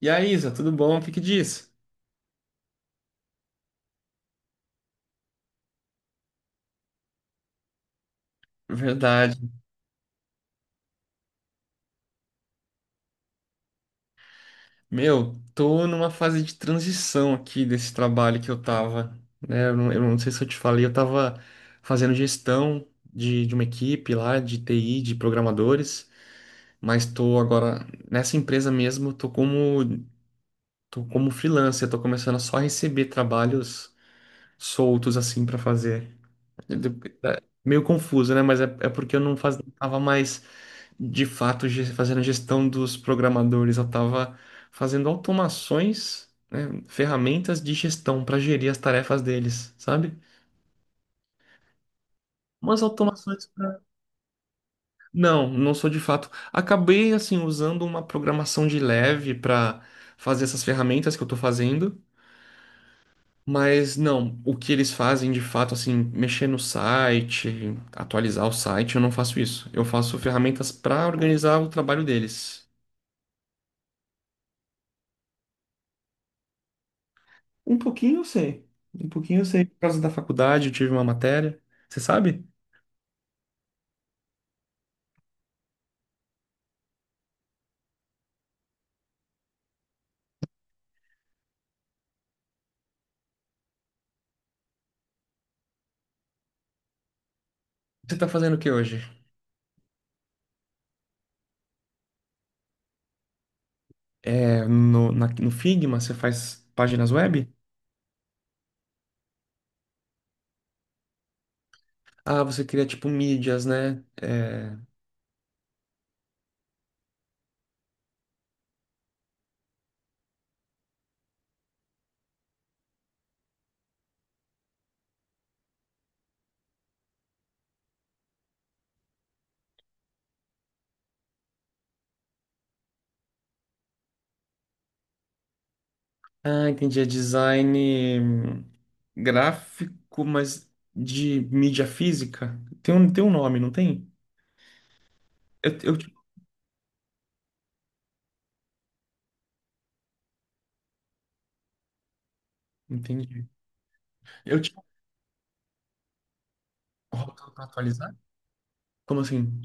E aí, Isa, tudo bom? O que que diz? Verdade. Meu, tô numa fase de transição aqui desse trabalho que eu tava, né? Eu não sei se eu te falei, eu tava fazendo gestão de uma equipe lá, de TI, de programadores, mas tô agora nessa empresa mesmo, tô como freelancer, tô começando a só receber trabalhos soltos assim pra fazer. Eu- eu- Meio confuso, né? Mas é porque eu não faz, tava mais de fato fazendo a gestão dos programadores, eu estava fazendo automações, né, ferramentas de gestão para gerir as tarefas deles, sabe? Umas automações para. Não, não sou de fato. Acabei assim usando uma programação de leve para fazer essas ferramentas que eu estou fazendo. Mas não, o que eles fazem de fato, assim, mexer no site, atualizar o site, eu não faço isso. Eu faço ferramentas para organizar o trabalho deles. Um pouquinho eu sei. Um pouquinho eu sei. Por causa da faculdade, eu tive uma matéria. Você sabe? Você tá fazendo o que hoje? É, no Figma, você faz páginas web? Ah, você cria tipo mídias, né? É, ah, entendi. É design gráfico, mas de mídia física. Tem um nome, não tem? Eu, eu te- Entendi. Eu tinha um rótulo pra atualizar? Como assim?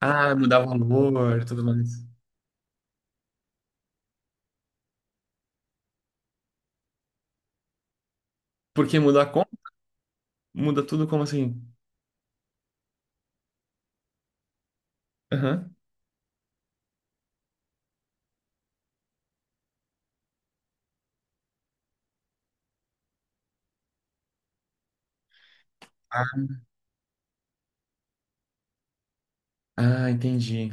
Ah, mudar valor e tudo mais. Porque mudar como? Muda tudo como assim? Aham. Ah, entendi.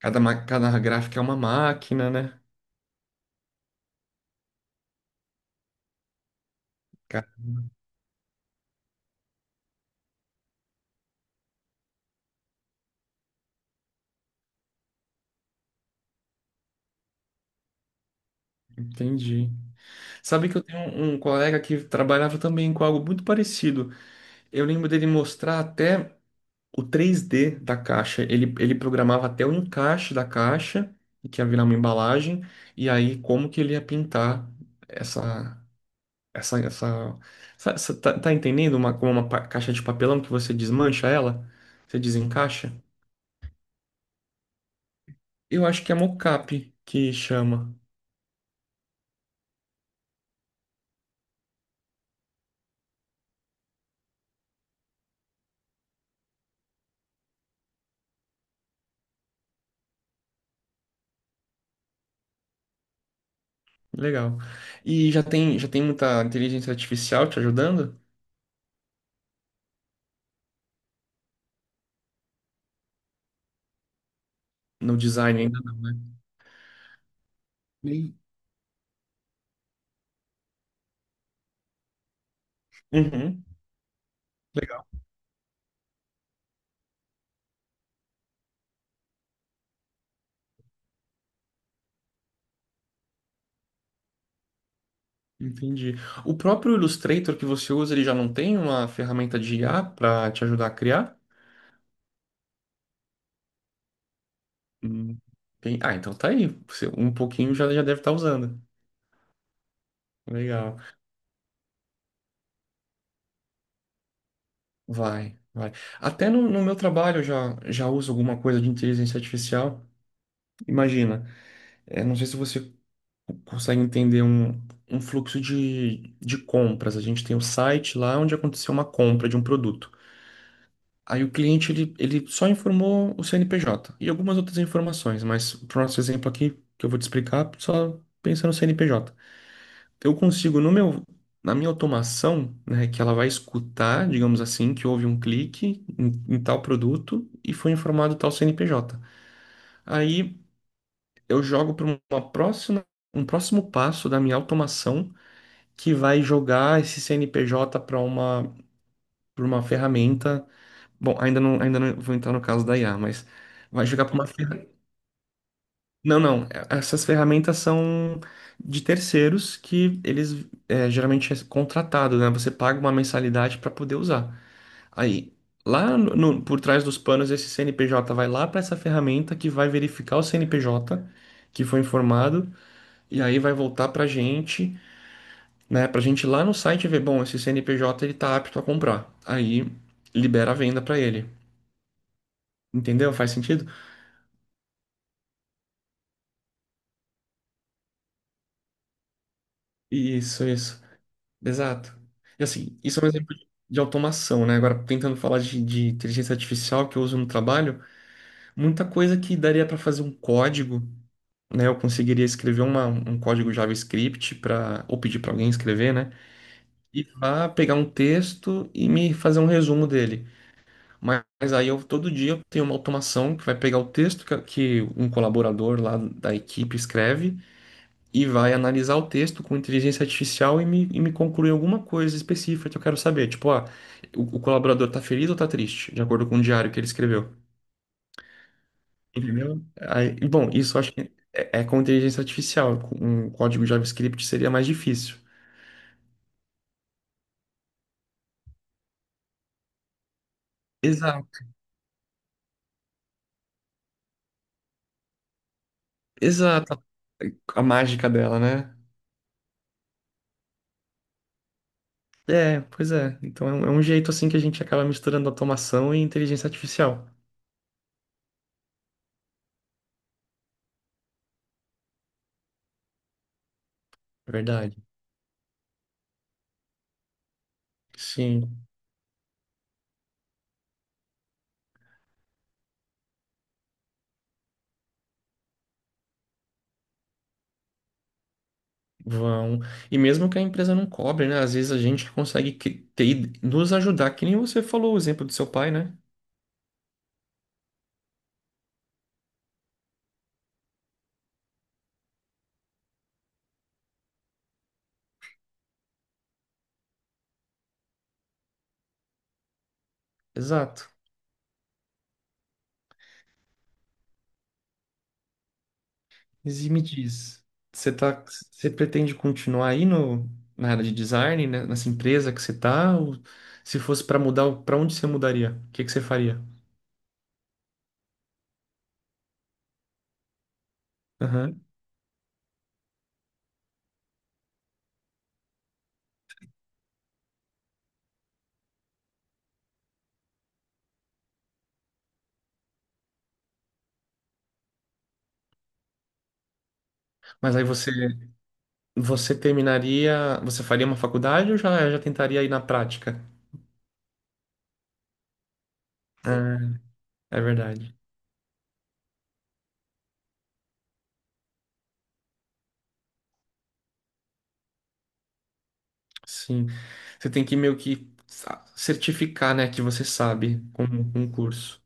Cada gráfica é uma máquina, né? Cara, entendi. Sabe que eu tenho um colega que trabalhava também com algo muito parecido. Eu lembro dele mostrar até o 3D da caixa. Ele programava até o encaixe da caixa, que ia virar uma embalagem, e aí como que ele ia pintar essa. Essa, essa, tá, tá entendendo? Uma, como uma caixa de papelão que você desmancha ela, você desencaixa? Eu acho que é mocap que chama. Legal. E já tem muita inteligência artificial te ajudando? No design ainda não, né? Bem, uhum. Legal. Entendi. O próprio Illustrator que você usa, ele já não tem uma ferramenta de IA para te ajudar a criar? Hum, Ah, então tá aí. Você um pouquinho já deve estar usando. Legal. Vai, vai. Até no meu trabalho eu já uso alguma coisa de inteligência artificial. Imagina, é, não sei se você consegue entender um fluxo de compras. A gente tem o site lá onde aconteceu uma compra de um produto. Aí o cliente ele só informou o CNPJ e algumas outras informações, mas para o nosso exemplo aqui, que eu vou te explicar, só pensa no CNPJ. Eu consigo no meu Na minha automação, né, que ela vai escutar, digamos assim, que houve um clique em tal produto e foi informado tal CNPJ. Aí eu jogo para uma próxima um próximo passo da minha automação que vai jogar esse CNPJ para uma ferramenta. Bom, ainda não vou entrar no caso da IA, mas vai jogar para uma ferramenta. Não, não. Essas ferramentas são de terceiros que geralmente é contratado, né? Você paga uma mensalidade para poder usar. Aí, lá no, no- por trás dos panos, esse CNPJ vai lá para essa ferramenta que vai verificar o CNPJ que foi informado e aí vai voltar para a gente, né? Pra gente ir lá no site ver, bom, esse CNPJ ele tá apto a comprar. Aí libera a venda pra ele. Entendeu? Faz sentido? Isso, isso. Exato. E assim, isso é um exemplo de automação, né? Agora, tentando falar de inteligência artificial que eu uso no trabalho, muita coisa que daria para fazer um código, né? Eu conseguiria escrever um código JavaScript para ou pedir para alguém escrever, né? E vá pegar um texto e me fazer um resumo dele. Mas aí eu todo dia tenho uma automação que vai pegar o texto que um colaborador lá da equipe escreve e vai analisar o texto com inteligência artificial e e me concluir alguma coisa específica que eu quero saber. Tipo, ah, o colaborador tá feliz ou tá triste, de acordo com o diário que ele escreveu. Entendeu? Aí, bom, isso eu acho que é com inteligência artificial. Com um código JavaScript seria mais difícil. Exato. Exato. A mágica dela, né? É, pois é. Então é é um jeito assim que a gente acaba misturando automação e inteligência artificial. Verdade. Sim, vão. E mesmo que a empresa não cobre, né? Às vezes a gente consegue nos ajudar, que nem você falou o exemplo do seu pai, né? Exato. Mas e me diz, você tá, você pretende continuar aí no, na área de design, né? Nessa empresa que você tá? Ou se fosse para mudar, para onde você mudaria? O que que você faria? Aham. Mas aí você você terminaria, você faria uma faculdade ou já tentaria ir na prática? Ah, é verdade. Sim. Você tem que meio que certificar, né, que você sabe com um curso.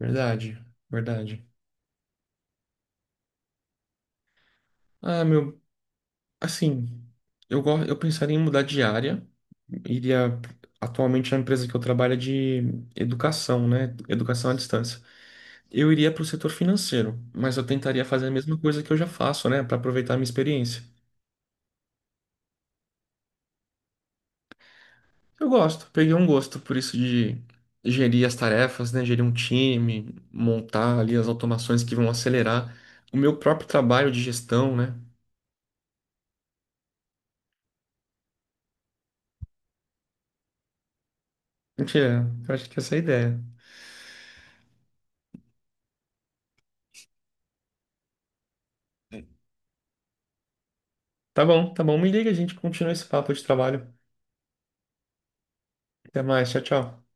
Verdade, verdade. Ah, meu, assim, eu pensaria em mudar de área. Iria atualmente a empresa que eu trabalho é de educação, né? Educação à distância. Eu iria para o setor financeiro, mas eu tentaria fazer a mesma coisa que eu já faço, né, para aproveitar a minha experiência. Eu gosto, peguei um gosto por isso de gerir as tarefas, né? Gerir um time, montar ali as automações que vão acelerar o meu próprio trabalho de gestão, né? Mentira, eu acho que essa é a ideia. Tá bom, me liga, a gente continua esse papo de trabalho. Até mais, tchau, tchau.